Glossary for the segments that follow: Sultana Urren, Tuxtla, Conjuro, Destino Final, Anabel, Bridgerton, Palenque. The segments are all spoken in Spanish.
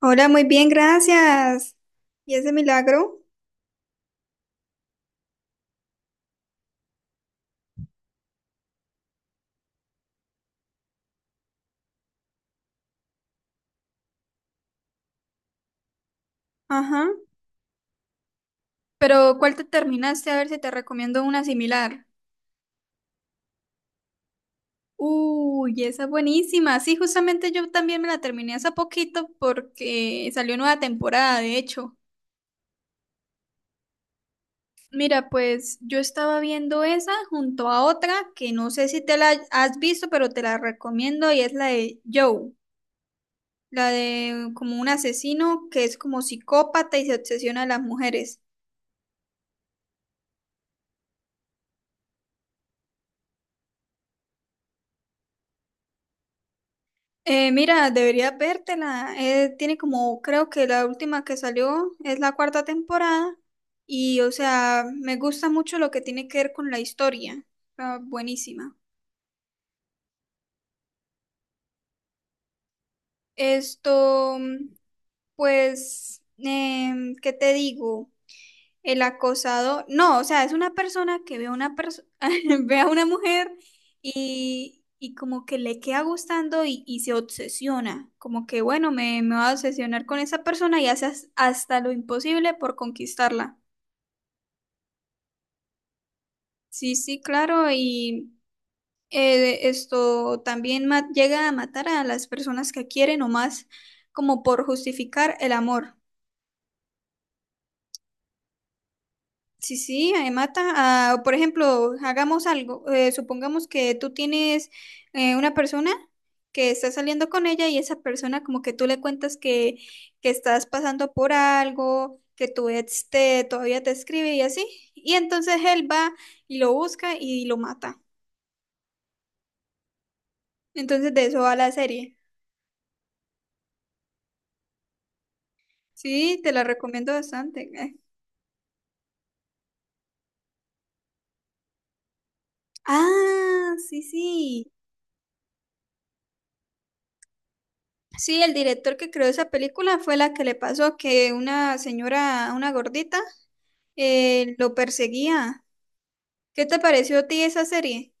Hola, muy bien, gracias. ¿Y ese milagro? Ajá. Pero ¿cuál te terminaste? A ver si te recomiendo una similar. Uy, esa es buenísima. Sí, justamente yo también me la terminé hace poquito porque salió nueva temporada, de hecho. Mira, pues yo estaba viendo esa junto a otra que no sé si te la has visto, pero te la recomiendo y es la de Joe, la de como un asesino que es como psicópata y se obsesiona a las mujeres. Mira, deberías vértela. Tiene como, creo que la última que salió es la cuarta temporada y, o sea, me gusta mucho lo que tiene que ver con la historia. Está buenísima. Esto, pues, ¿qué te digo? El acosado, no, o sea, es una persona que ve a una ve a una mujer y como que le queda gustando y se obsesiona, como que bueno, me va a obsesionar con esa persona y hace hasta lo imposible por conquistarla. Sí, sí, claro, y esto también llega a matar a las personas que quieren o más como por justificar el amor. Sí, sí, mata. Ah, por ejemplo, hagamos algo. Supongamos que tú tienes una persona que está saliendo con ella y esa persona como que tú le cuentas que estás pasando por algo, que todavía te escribe y así. Y entonces él va y lo busca y lo mata. Entonces de eso va la serie. Sí, te la recomiendo bastante. Ah, sí, sí. Sí, el director que creó esa película fue la que le pasó que una señora, una gordita, lo perseguía. ¿Qué te pareció a ti esa serie?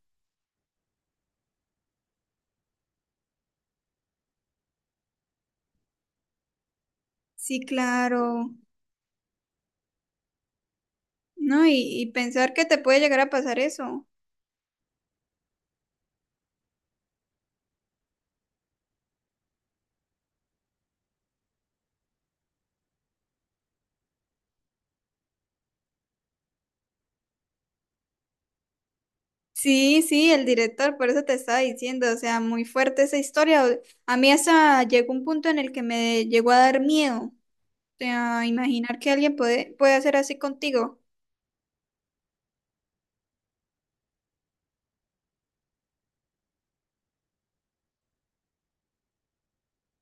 Sí, claro. No, y pensar que te puede llegar a pasar eso. Sí, sí, el director, por eso te estaba diciendo, o sea, muy fuerte esa historia. O- A mí hasta llegó un punto en el que me llegó a dar miedo, o sea, imaginar que alguien puede, puede hacer así contigo.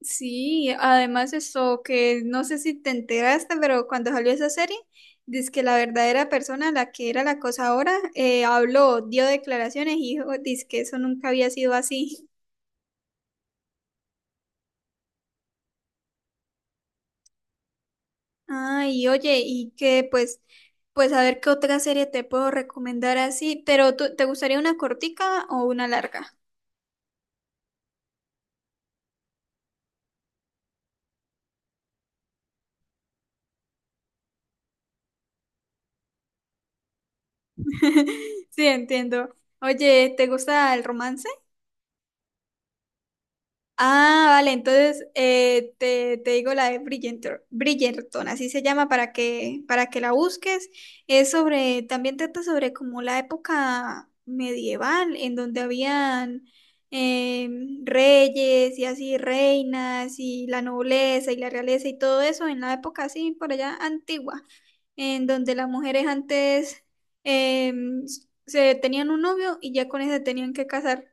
Sí, además eso que no sé si te enteraste, pero cuando salió esa serie, dice que la verdadera persona, la que era la acosadora, habló, dio declaraciones y dijo, dice que eso nunca había sido así. Ay, oye, y que pues, pues a ver qué otra serie te puedo recomendar así, pero tú- ¿te gustaría una cortica o una larga? Sí, entiendo. Oye, ¿te gusta el romance? Ah, vale, entonces te digo la de Bridgerton, Bridgerton, así se llama para que la busques. Es sobre, también trata sobre como la época medieval, en donde habían reyes y así reinas y la nobleza y la realeza y todo eso, en la época así por allá antigua, en donde las mujeres antes em, se tenían un novio y ya con ese tenían que casar.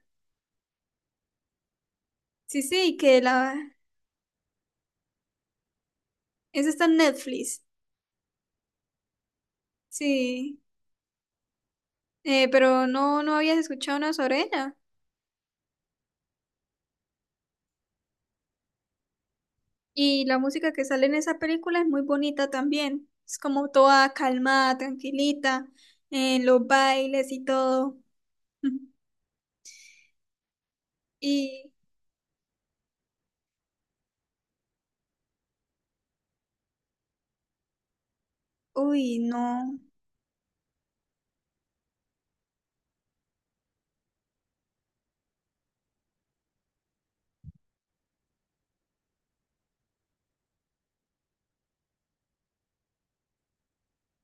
Sí, sí, que la... Eso está en Netflix. Sí, pero no, no habías escuchado nada sobre ella. Y la música que sale en esa película es muy bonita también. Es como toda calmada, tranquilita, en los bailes y todo. Y, uy, no.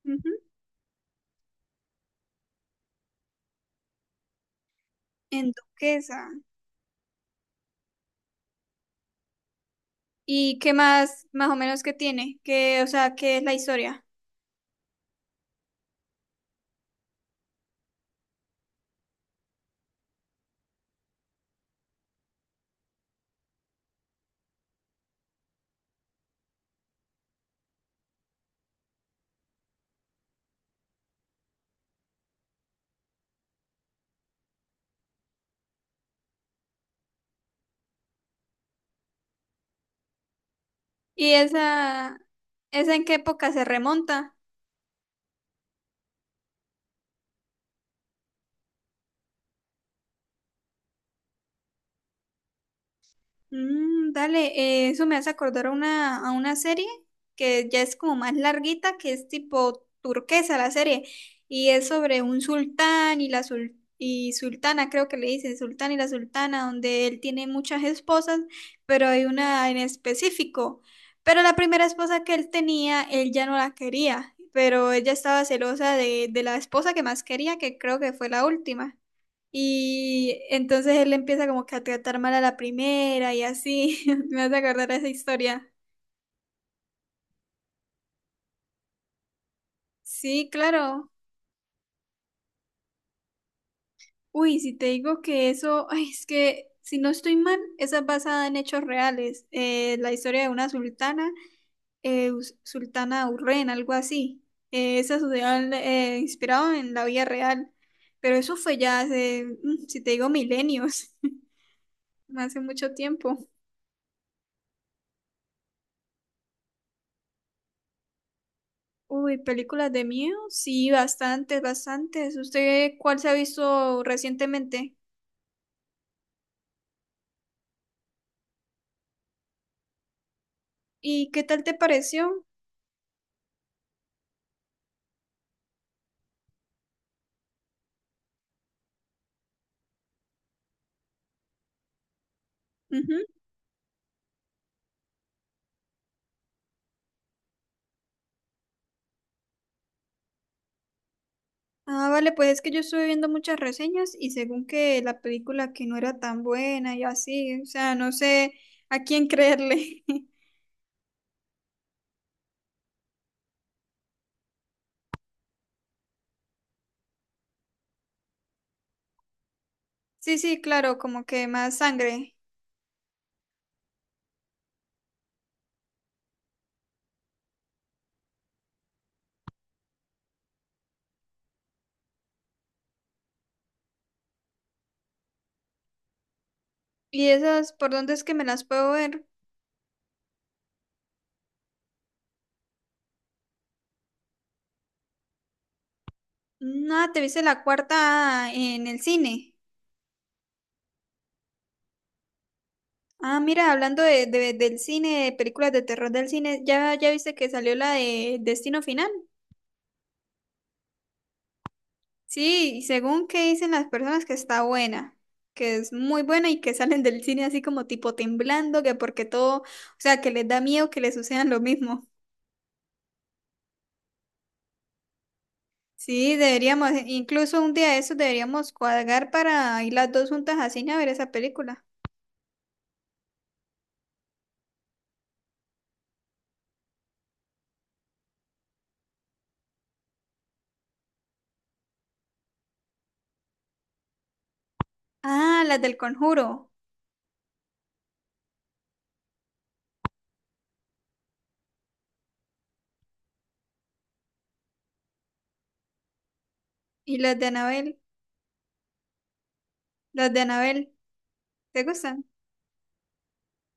Ujú, en Duquesa. ¿Y qué más, más o menos, que tiene? ¿Que, o sea, qué es la historia? ¿Y esa en qué época se remonta? Dale, eso me hace acordar a a una serie que ya es como más larguita, que es tipo turquesa la serie, y es sobre un sultán y la sultana, creo que le dicen, sultán y la sultana, donde él tiene muchas esposas, pero hay una en específico. Pero la primera esposa que él tenía, él ya no la quería, pero ella estaba celosa de la esposa que más quería, que creo que fue la última. Y entonces él empieza como que a tratar mal a la primera y así. Me vas a acordar a esa historia. Sí, claro. Uy, si te digo que eso, ay, es que si no estoy mal, esa es basada en hechos reales. La historia de una sultana, Sultana Urren, algo así. Esa sucedió inspirado en la vida real. Pero eso fue ya hace, si te digo, milenios, hace mucho tiempo. Uy, películas de miedo, sí, bastantes, bastantes. ¿Usted cuál se ha visto recientemente? ¿Y qué tal te pareció? Ujú. Ah, vale, pues es que yo estuve viendo muchas reseñas y según que la película que no era tan buena y así, o sea, no sé a quién creerle. Sí, sí, claro, como que más sangre. ¿Y esas por dónde es que me las puedo ver? No, te viste la cuarta en el cine. Ah, mira, hablando del cine, de películas de terror del cine, ¿ya, ya viste que salió la de Destino Final? Sí, y según que dicen las personas que está buena, que es muy buena y que salen del cine así como tipo temblando, que porque todo, o sea, que les da miedo que les sucedan lo mismo. Sí, deberíamos, incluso un día de esos deberíamos cuadrar para ir las dos juntas a cine a ver esa película. Ah, las del Conjuro y las de Anabel, ¿te gustan?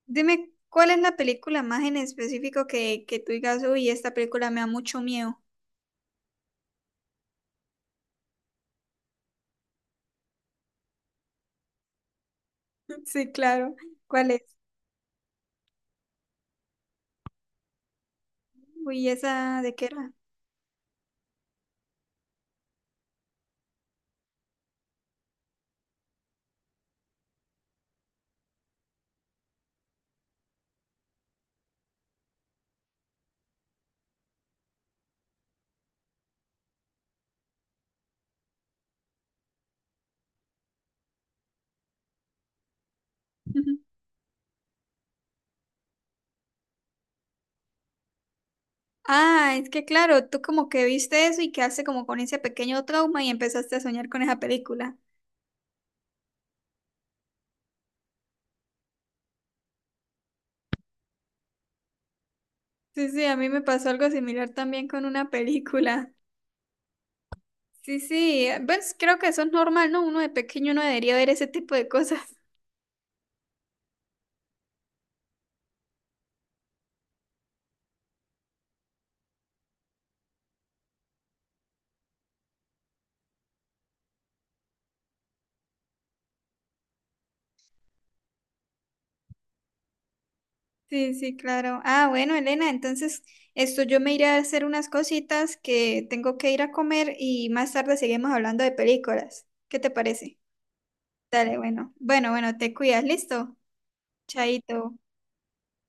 Dime, ¿cuál es la película más en específico que tú digas, uy, esta película me da mucho miedo? Sí, claro. ¿Cuál es? Uy, ¿esa de qué era? Ah, es que claro, tú como que viste eso y quedaste como con ese pequeño trauma y empezaste a soñar con esa película. Sí, sí, a mí me pasó algo similar también con una película. Sí, sí, pues creo que eso es normal, ¿no? Uno de pequeño no debería ver ese tipo de cosas. Sí, sí, claro. Ah, bueno, Elena, entonces esto yo me iré a hacer unas cositas que tengo que ir a comer y más tarde seguimos hablando de películas. ¿Qué te parece? Dale, bueno. Bueno, bueno, te cuidas, listo. Chaito.